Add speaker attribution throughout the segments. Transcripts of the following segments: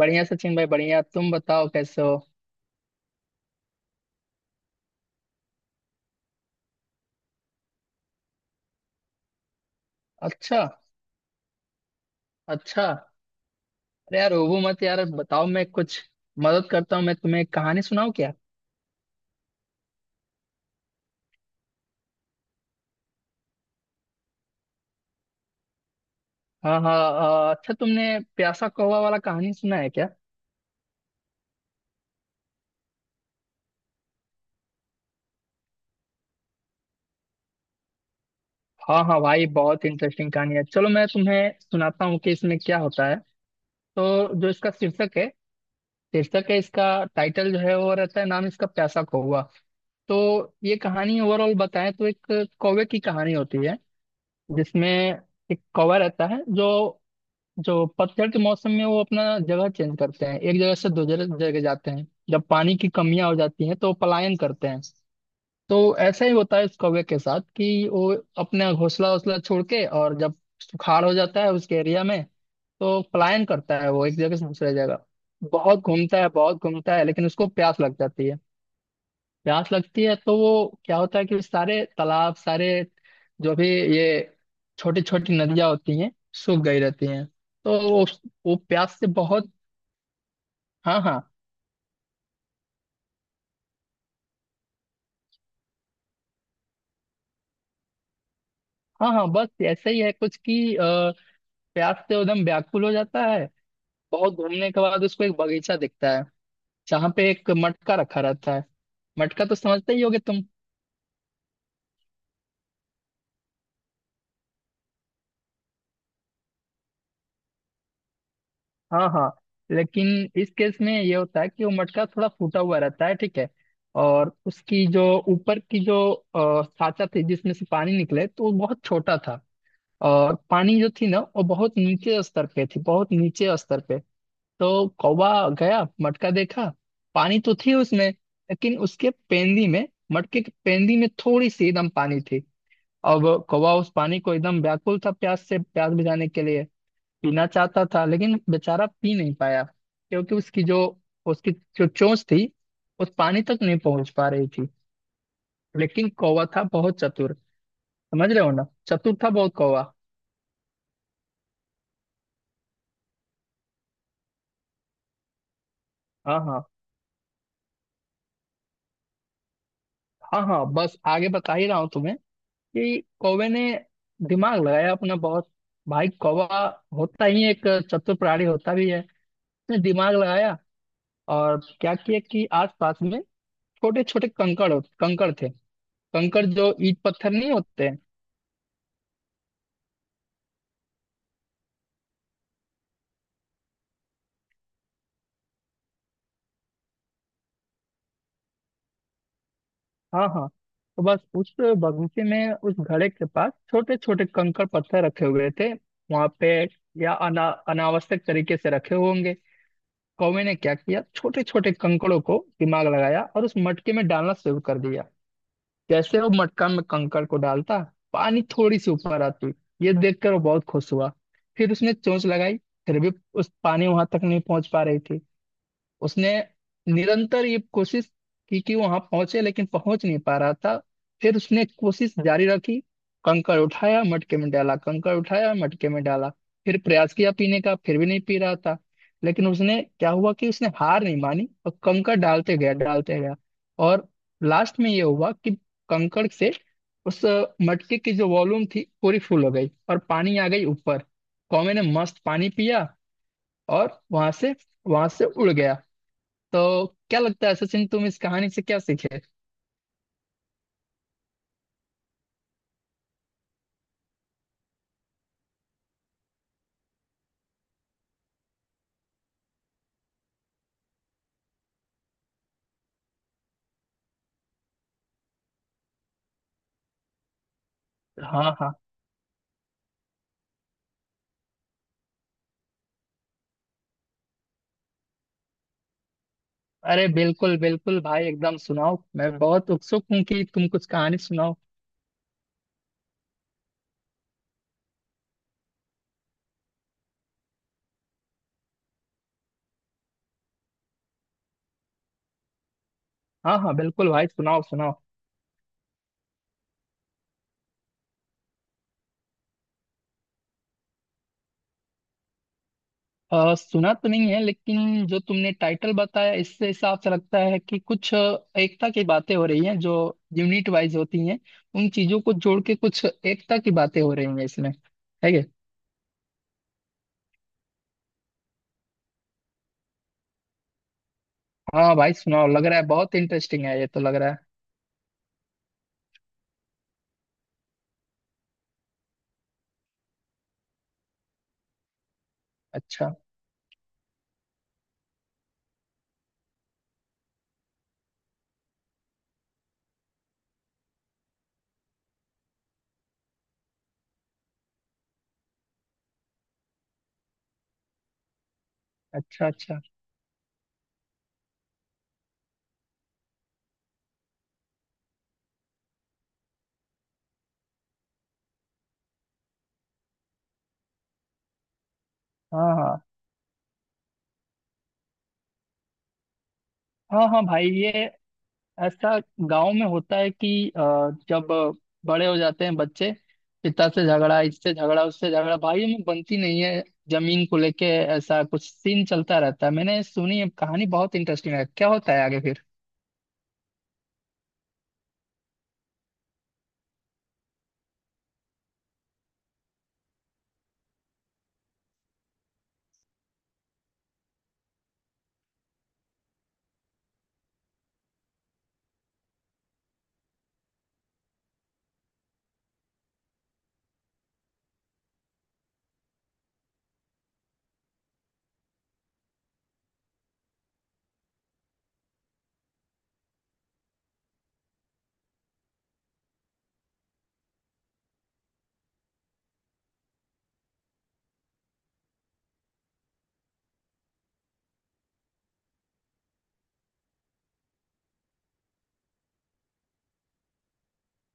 Speaker 1: बढ़िया सचिन भाई, बढ़िया। तुम बताओ, कैसे हो? अच्छा। अच्छा। अरे यार, रोबो मत यार, बताओ, मैं कुछ मदद करता हूँ। मैं तुम्हें एक कहानी सुनाऊँ क्या? हाँ हाँ। अच्छा, तुमने प्यासा कौवा वाला कहानी सुना है क्या? हाँ हाँ भाई, बहुत इंटरेस्टिंग कहानी है। चलो मैं तुम्हें सुनाता हूँ कि इसमें क्या होता है। तो जो इसका शीर्षक है, शीर्षक है इसका, टाइटल जो है वो रहता है, नाम इसका प्यासा कौवा। तो ये कहानी ओवरऑल बताएं तो एक कौवे की कहानी होती है, जिसमें एक कौवा रहता है जो जो पतझड़ के मौसम में वो अपना जगह चेंज करते हैं, एक जगह से दूसरे जगह जाते हैं। जब पानी की कमियां हो जाती हैं तो वो पलायन करते हैं। तो ऐसा ही होता है इस कौवे के साथ कि वो अपना घोंसला वोसला छोड़ के, और जब सुखाड़ हो जाता है उसके एरिया में तो पलायन करता है वो एक जगह से दूसरे जगह। बहुत घूमता है, बहुत घूमता है, लेकिन उसको प्यास लग जाती है। प्यास लगती है तो वो क्या होता है कि सारे तालाब, सारे जो भी ये छोटी छोटी नदियां होती हैं सूख गई रहती हैं। तो वो प्यास से बहुत। हाँ हाँ। हाँ हाँ, बस ऐसे ही है कुछ कि प्यास से एकदम व्याकुल हो जाता है। बहुत घूमने के बाद उसको एक बगीचा दिखता है जहाँ पे एक मटका रखा रहता है। मटका तो समझते ही होगे। हाँ हाँ। लेकिन इस केस में ये होता है कि वो मटका थोड़ा फूटा हुआ रहता है, ठीक है। और उसकी जो ऊपर की जो साचा थी जिसमें से पानी निकले, तो वो बहुत छोटा था। और पानी जो थी ना, वो बहुत नीचे स्तर पे थी, बहुत नीचे स्तर पे। तो कौवा गया, मटका देखा। पानी तो थी उसमें लेकिन उसके पेंदी में, मटके के पेंदी में थोड़ी सी एकदम पानी थी। अब कौवा उस पानी को एकदम व्याकुल था प्यास से, प्यास बुझाने के लिए पीना चाहता था, लेकिन बेचारा पी नहीं पाया, क्योंकि उसकी जो चोंच थी उस पानी तक नहीं पहुंच पा रही थी। लेकिन कौवा था बहुत चतुर। समझ रहे हो ना, चतुर था बहुत कौवा। हाँ हाँ। हाँ हाँ, बस आगे बता ही रहा हूँ तुम्हें कि कौवे ने दिमाग लगाया अपना बहुत। भाई कौवा होता ही एक चतुर प्राणी होता भी है। उसने दिमाग लगाया और क्या किया कि आसपास में छोटे छोटे कंकड़, कंकड़ थे, कंकड़ जो ईट पत्थर नहीं होते। हाँ हाँ। तो बस उस बगीचे में उस घड़े के पास छोटे छोटे कंकड़ पत्थर रखे हुए थे वहां पे, या अनावश्यक तरीके से रखे हुए होंगे। कौवे ने क्या किया, छोटे छोटे कंकड़ों को दिमाग लगाया और उस मटके में डालना शुरू कर दिया। जैसे वो मटका में कंकड़ को डालता, पानी थोड़ी सी ऊपर आती। ये देखकर वो बहुत खुश हुआ। फिर उसने चोंच लगाई, फिर भी उस पानी वहां तक नहीं पहुंच पा रही थी। उसने निरंतर ये कोशिश की कि वहां पहुंचे, लेकिन पहुंच नहीं पा रहा था। फिर उसने कोशिश जारी रखी। कंकड़ उठाया मटके में डाला, कंकड़ उठाया मटके में डाला। फिर प्रयास किया पीने का, फिर भी नहीं पी रहा था। लेकिन उसने क्या हुआ कि उसने हार नहीं मानी और कंकड़ डालते गया, डालते गया। और लास्ट में ये हुआ कि कंकड़ से उस मटके की जो वॉल्यूम थी पूरी फुल हो गई और पानी आ गई ऊपर। कौवे ने मस्त पानी पिया और वहां से उड़ गया। तो क्या लगता है सचिन, तुम इस कहानी से क्या सीखे? हाँ हाँ। अरे बिल्कुल बिल्कुल भाई, एकदम सुनाओ, मैं बहुत उत्सुक हूँ कि तुम कुछ कहानी सुनाओ। हाँ हाँ बिल्कुल भाई, सुनाओ सुनाओ। सुना तो नहीं है, लेकिन जो तुमने टाइटल बताया इससे हिसाब से लगता है कि कुछ एकता की बातें हो रही हैं जो यूनिट वाइज होती हैं, उन चीजों को जोड़ के कुछ एकता की बातें हो रही हैं इसमें। है ये? हाँ भाई सुनाओ, लग रहा है बहुत इंटरेस्टिंग है ये तो, लग रहा है। अच्छा अच्छा। अच्छा। हाँ हाँ। हाँ हाँ भाई, ये ऐसा गांव में होता है कि जब बड़े हो जाते हैं बच्चे, पिता से झगड़ा, इससे झगड़ा, उससे झगड़ा, भाइयों में बनती नहीं है, जमीन को लेके ऐसा कुछ सीन चलता रहता है। मैंने सुनी है कहानी, बहुत इंटरेस्टिंग है। क्या होता है आगे फिर?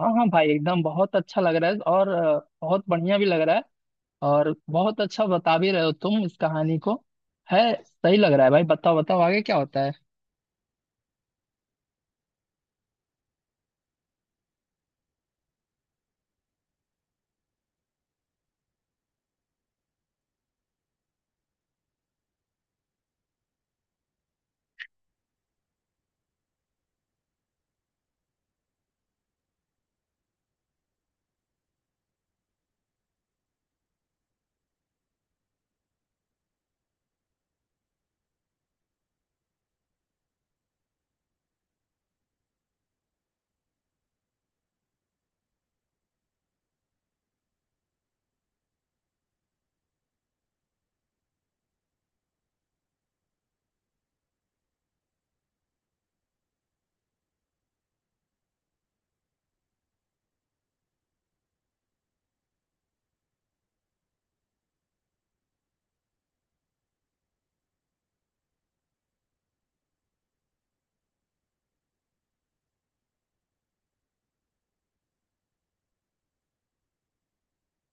Speaker 1: हाँ हाँ भाई, एकदम बहुत अच्छा लग रहा है और बहुत बढ़िया भी लग रहा है। और बहुत अच्छा बता भी रहे हो तुम इस कहानी को। है, सही लग रहा है भाई, बताओ बताओ आगे क्या होता है।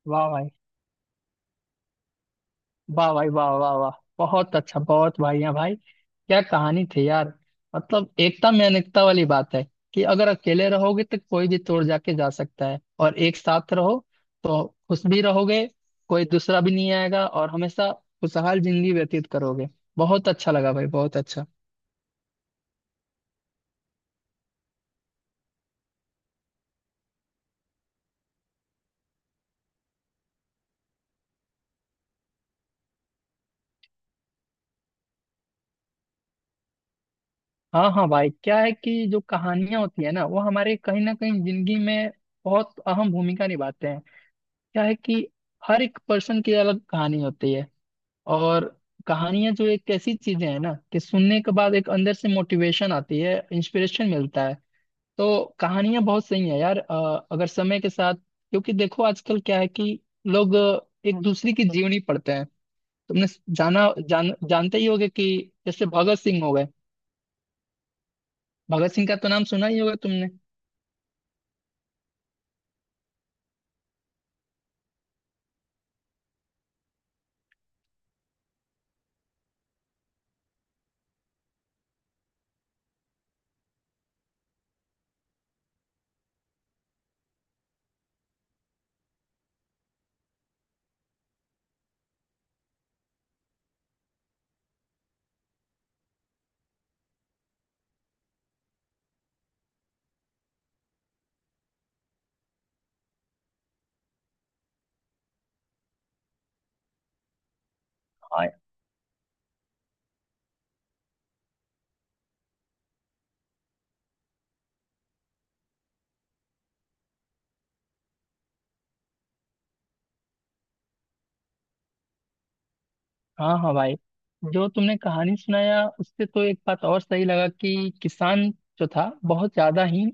Speaker 1: वाह भाई, वाह भाई, वाह वाह वाह। बहुत अच्छा, बहुत बढ़िया भाई, क्या कहानी थी यार। मतलब एकता में अनेकता वाली बात है कि अगर अकेले रहोगे तो कोई भी तोड़ जाके जा सकता है, और एक साथ रहो तो खुश भी रहोगे, कोई दूसरा भी नहीं आएगा, और हमेशा खुशहाल जिंदगी व्यतीत करोगे। बहुत अच्छा लगा भाई, बहुत अच्छा। हाँ हाँ भाई, क्या है कि जो कहानियां होती है ना, वो हमारे कहीं ना कहीं जिंदगी में बहुत अहम भूमिका निभाते हैं। क्या है कि हर एक पर्सन की अलग कहानी होती है। और कहानियां जो एक ऐसी चीजें हैं ना कि सुनने के बाद एक अंदर से मोटिवेशन आती है, इंस्पिरेशन मिलता है। तो कहानियां बहुत सही है यार, अगर समय के साथ, क्योंकि देखो आजकल क्या है कि लोग एक दूसरे की जीवनी पढ़ते हैं। तुमने जाना जान जानते ही होगे कि जैसे भगत सिंह हो गए। भगत सिंह का तो नाम सुना ही होगा तुमने। हाँ हाँ। हाँ भाई, जो तुमने कहानी सुनाया उससे तो एक बात और सही लगा कि किसान जो था बहुत ज्यादा ही,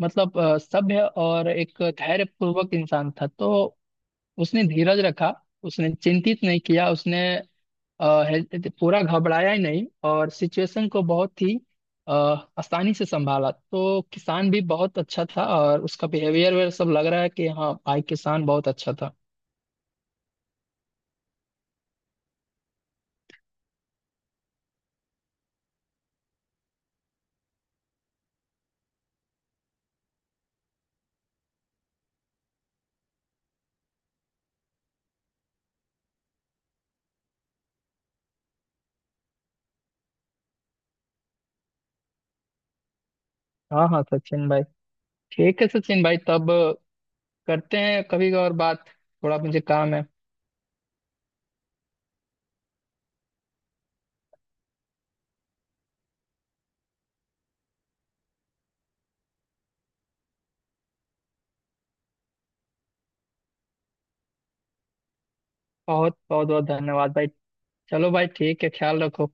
Speaker 1: मतलब सभ्य और एक धैर्यपूर्वक इंसान था। तो उसने धीरज रखा, उसने चिंतित नहीं किया, उसने पूरा घबराया ही नहीं, और सिचुएशन को बहुत ही अ, आसानी से संभाला। तो किसान भी बहुत अच्छा था और उसका बिहेवियर वेयर सब लग रहा है कि हाँ भाई, किसान बहुत अच्छा था। हाँ हाँ सचिन भाई। ठीक है सचिन भाई, तब करते हैं कभी और बात, थोड़ा मुझे काम है। बहुत बहुत बहुत धन्यवाद भाई। चलो भाई, ठीक है, ख्याल रखो।